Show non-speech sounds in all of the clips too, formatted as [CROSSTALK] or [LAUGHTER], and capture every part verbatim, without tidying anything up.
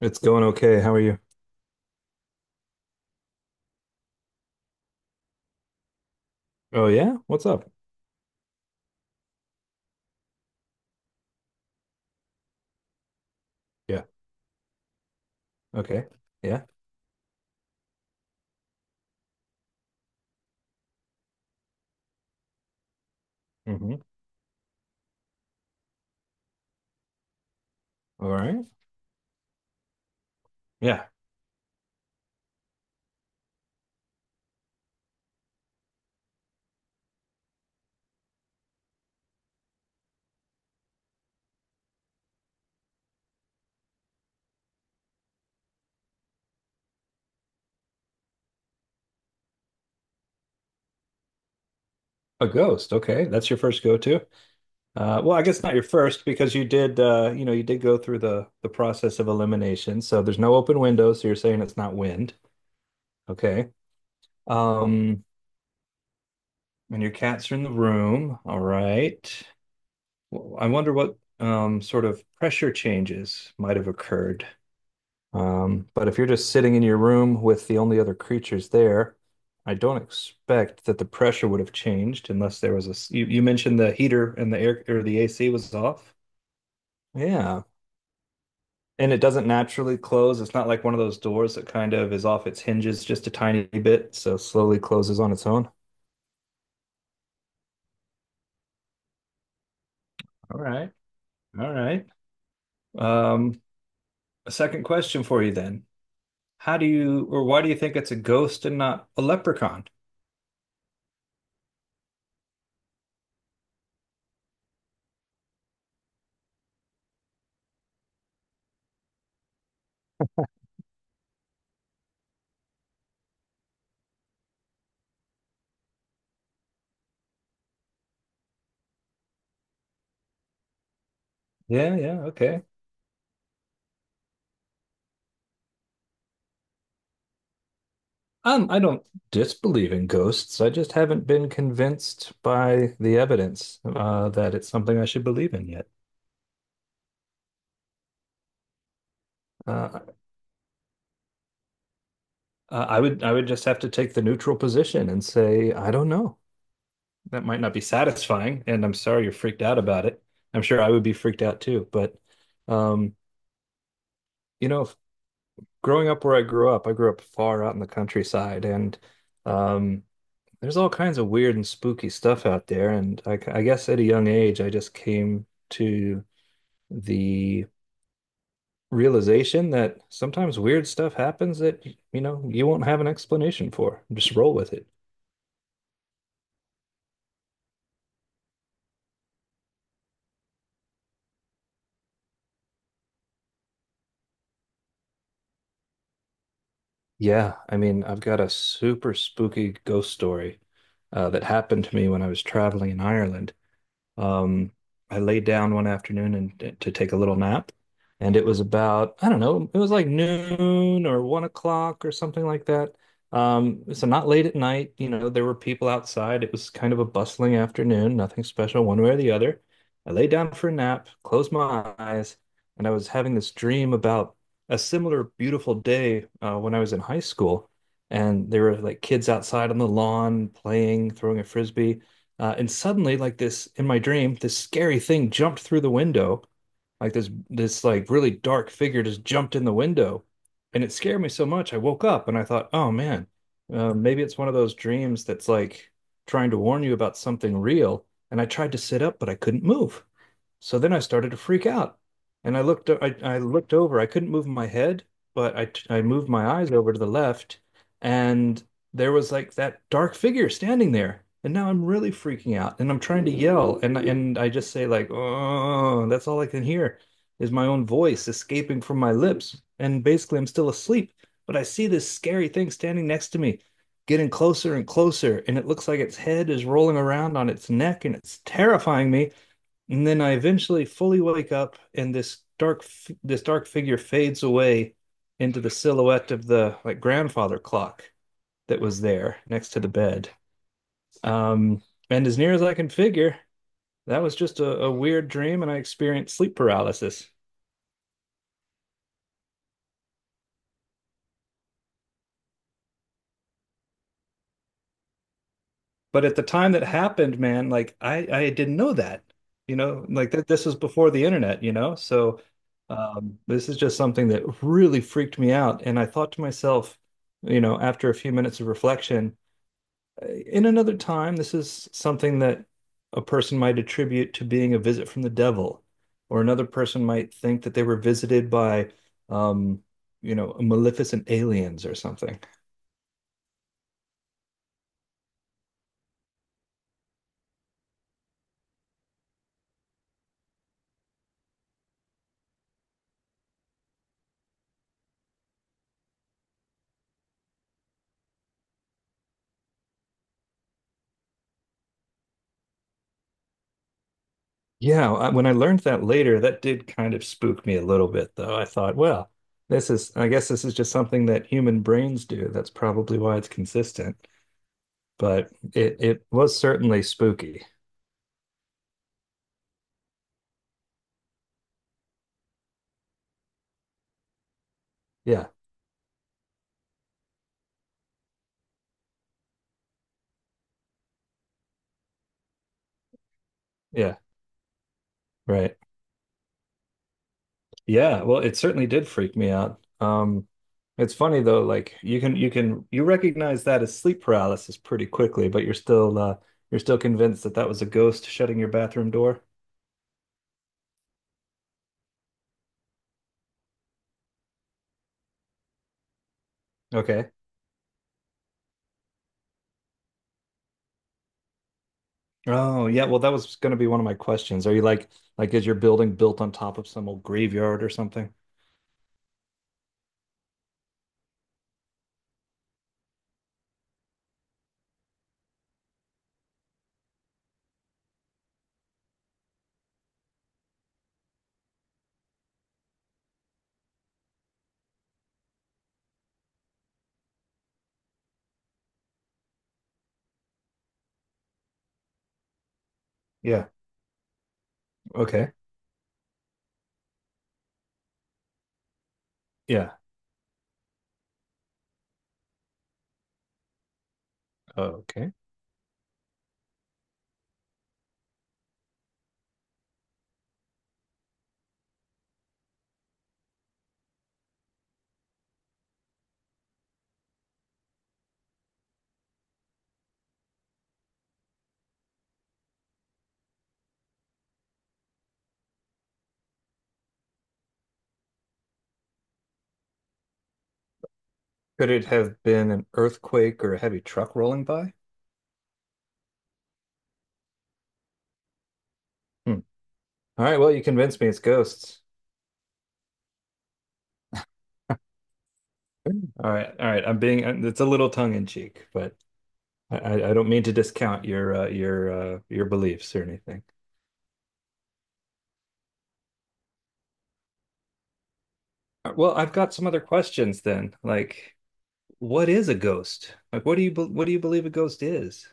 It's going okay. How are you? Oh yeah? What's up? Yeah. Okay. Yeah. Hmm. All right. Yeah. A ghost. Okay. That's your first go-to. Uh, well, I guess not your first because you did uh, you know, you did go through the the process of elimination. So there's no open window, so you're saying it's not wind. Okay. Um, and your cats are in the room. All right. Well, I wonder what um sort of pressure changes might have occurred. Um, but if you're just sitting in your room with the only other creatures there, I don't expect that the pressure would have changed unless there was a. you, you mentioned the heater and the air or the A C was off. Yeah. And it doesn't naturally close. It's not like one of those doors that kind of is off its hinges just a tiny bit, so slowly closes on its own. All right. All right. Um, a second question for you then. How do you, or why do you think it's a ghost and not a leprechaun? Yeah, yeah, okay. Um, I don't disbelieve in ghosts. I just haven't been convinced by the evidence uh, that it's something I should believe in yet. Uh, I would I would just have to take the neutral position and say, I don't know. That might not be satisfying, and I'm sorry you're freaked out about it. I'm sure I would be freaked out too. But um, you know, growing up where I grew up, I grew up far out in the countryside, and um, there's all kinds of weird and spooky stuff out there. And I, I guess at a young age, I just came to the realization that sometimes weird stuff happens, that, you know, you won't have an explanation for. Just roll with it. Yeah, I mean, I've got a super spooky ghost story uh, that happened to me when I was traveling in Ireland. Um, I laid down one afternoon and uh, to take a little nap, and it was about, I don't know, it was like noon or one o'clock or something like that. Um, so not late at night, you know, there were people outside. It was kind of a bustling afternoon, nothing special one way or the other. I lay down for a nap, closed my eyes, and I was having this dream about a similar beautiful day uh, when I was in high school. And there were like kids outside on the lawn playing, throwing a frisbee. Uh, and suddenly, like this in my dream, this scary thing jumped through the window. Like this, this like really dark figure just jumped in the window, and it scared me so much. I woke up and I thought, oh man, uh, maybe it's one of those dreams that's like trying to warn you about something real. And I tried to sit up, but I couldn't move. So then I started to freak out. And I looked I, I looked over. I couldn't move my head, but I t- I moved my eyes over to the left and there was like that dark figure standing there. And now I'm really freaking out and I'm trying to yell and and I just say like, "Oh, that's all I can hear is my own voice escaping from my lips." And basically I'm still asleep, but I see this scary thing standing next to me. Getting closer and closer, and it looks like its head is rolling around on its neck, and it's terrifying me. And then I eventually fully wake up, and this dark this dark figure fades away into the silhouette of the like grandfather clock that was there next to the bed. Um, and as near as I can figure, that was just a, a weird dream, and I experienced sleep paralysis. But at the time that happened, man, like I I didn't know that, you know, like that this was before the internet, you know, so. Um, this is just something that really freaked me out. And I thought to myself, you know, after a few minutes of reflection, in another time, this is something that a person might attribute to being a visit from the devil, or another person might think that they were visited by, um, you know, maleficent aliens or something. Yeah, I, when I learned that later, that did kind of spook me a little bit, though. I thought, well, this is, I guess this is just something that human brains do. That's probably why it's consistent, but it it was certainly spooky. Yeah, yeah, right. Yeah, well, it certainly did freak me out. Um, it's funny though, like you can you can you recognize that as sleep paralysis pretty quickly, but you're still uh, you're still convinced that that was a ghost shutting your bathroom door. Okay. Oh yeah, well that was going to be one of my questions. Are you like like is your building built on top of some old graveyard or something? Yeah. Okay. Yeah. Okay. Could it have been an earthquake or a heavy truck rolling by? Hmm. All right. Well, you convinced me it's ghosts. All right, all right. I'm being, it's a little tongue in cheek, but I, I don't mean to discount your uh, your uh, your beliefs or anything. Uh, Well, I've got some other questions then. Like, what is a ghost? Like, what do you be what do you believe a ghost is?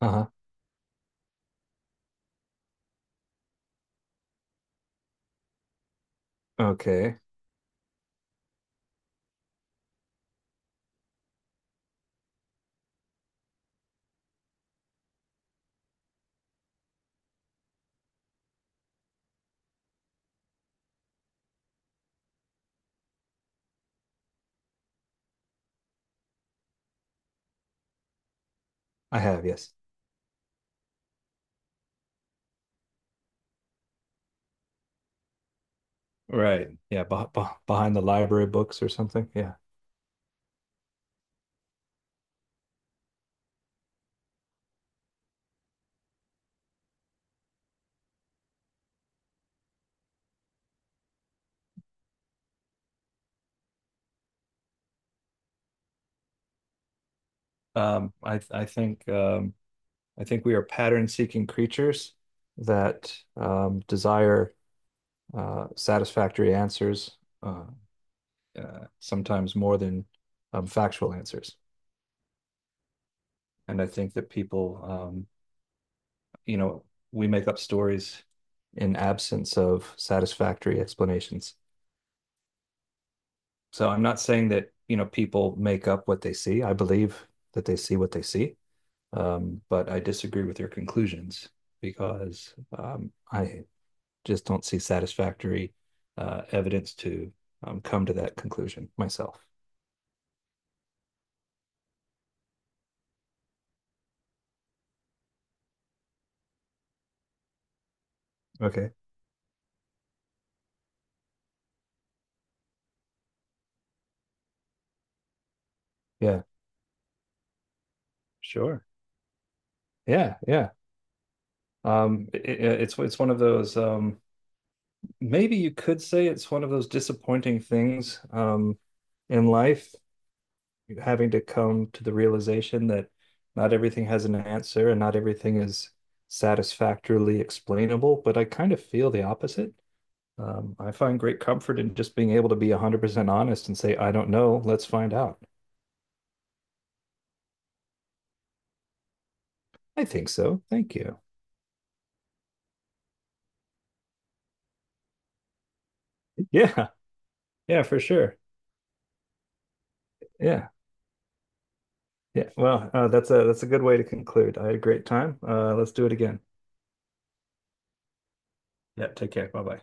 Uh-huh. Okay, I have, yes. Right. Yeah, beh beh- behind the library books or something. Yeah. Um, I I think um, I think we are pattern-seeking creatures that um, desire uh, satisfactory answers, uh, uh, sometimes more than um, factual answers. And I think that people, um, you know, we make up stories in absence of satisfactory explanations. So I'm not saying that you know people make up what they see. I believe that they see what they see, um, but I disagree with their conclusions because um, I just don't see satisfactory uh, evidence to um, come to that conclusion myself. Okay. Yeah, sure. Yeah, yeah. Um, it, it's it's one of those um, maybe you could say it's one of those disappointing things um, in life, having to come to the realization that not everything has an answer and not everything is satisfactorily explainable. But I kind of feel the opposite. Um, I find great comfort in just being able to be one hundred percent honest and say, I don't know. Let's find out. I think so. Thank you. [LAUGHS] Yeah. Yeah, for sure. Yeah. Yeah. Well, uh, that's a that's a good way to conclude. I had a great time. Uh, let's do it again. Yeah. Take care. Bye bye.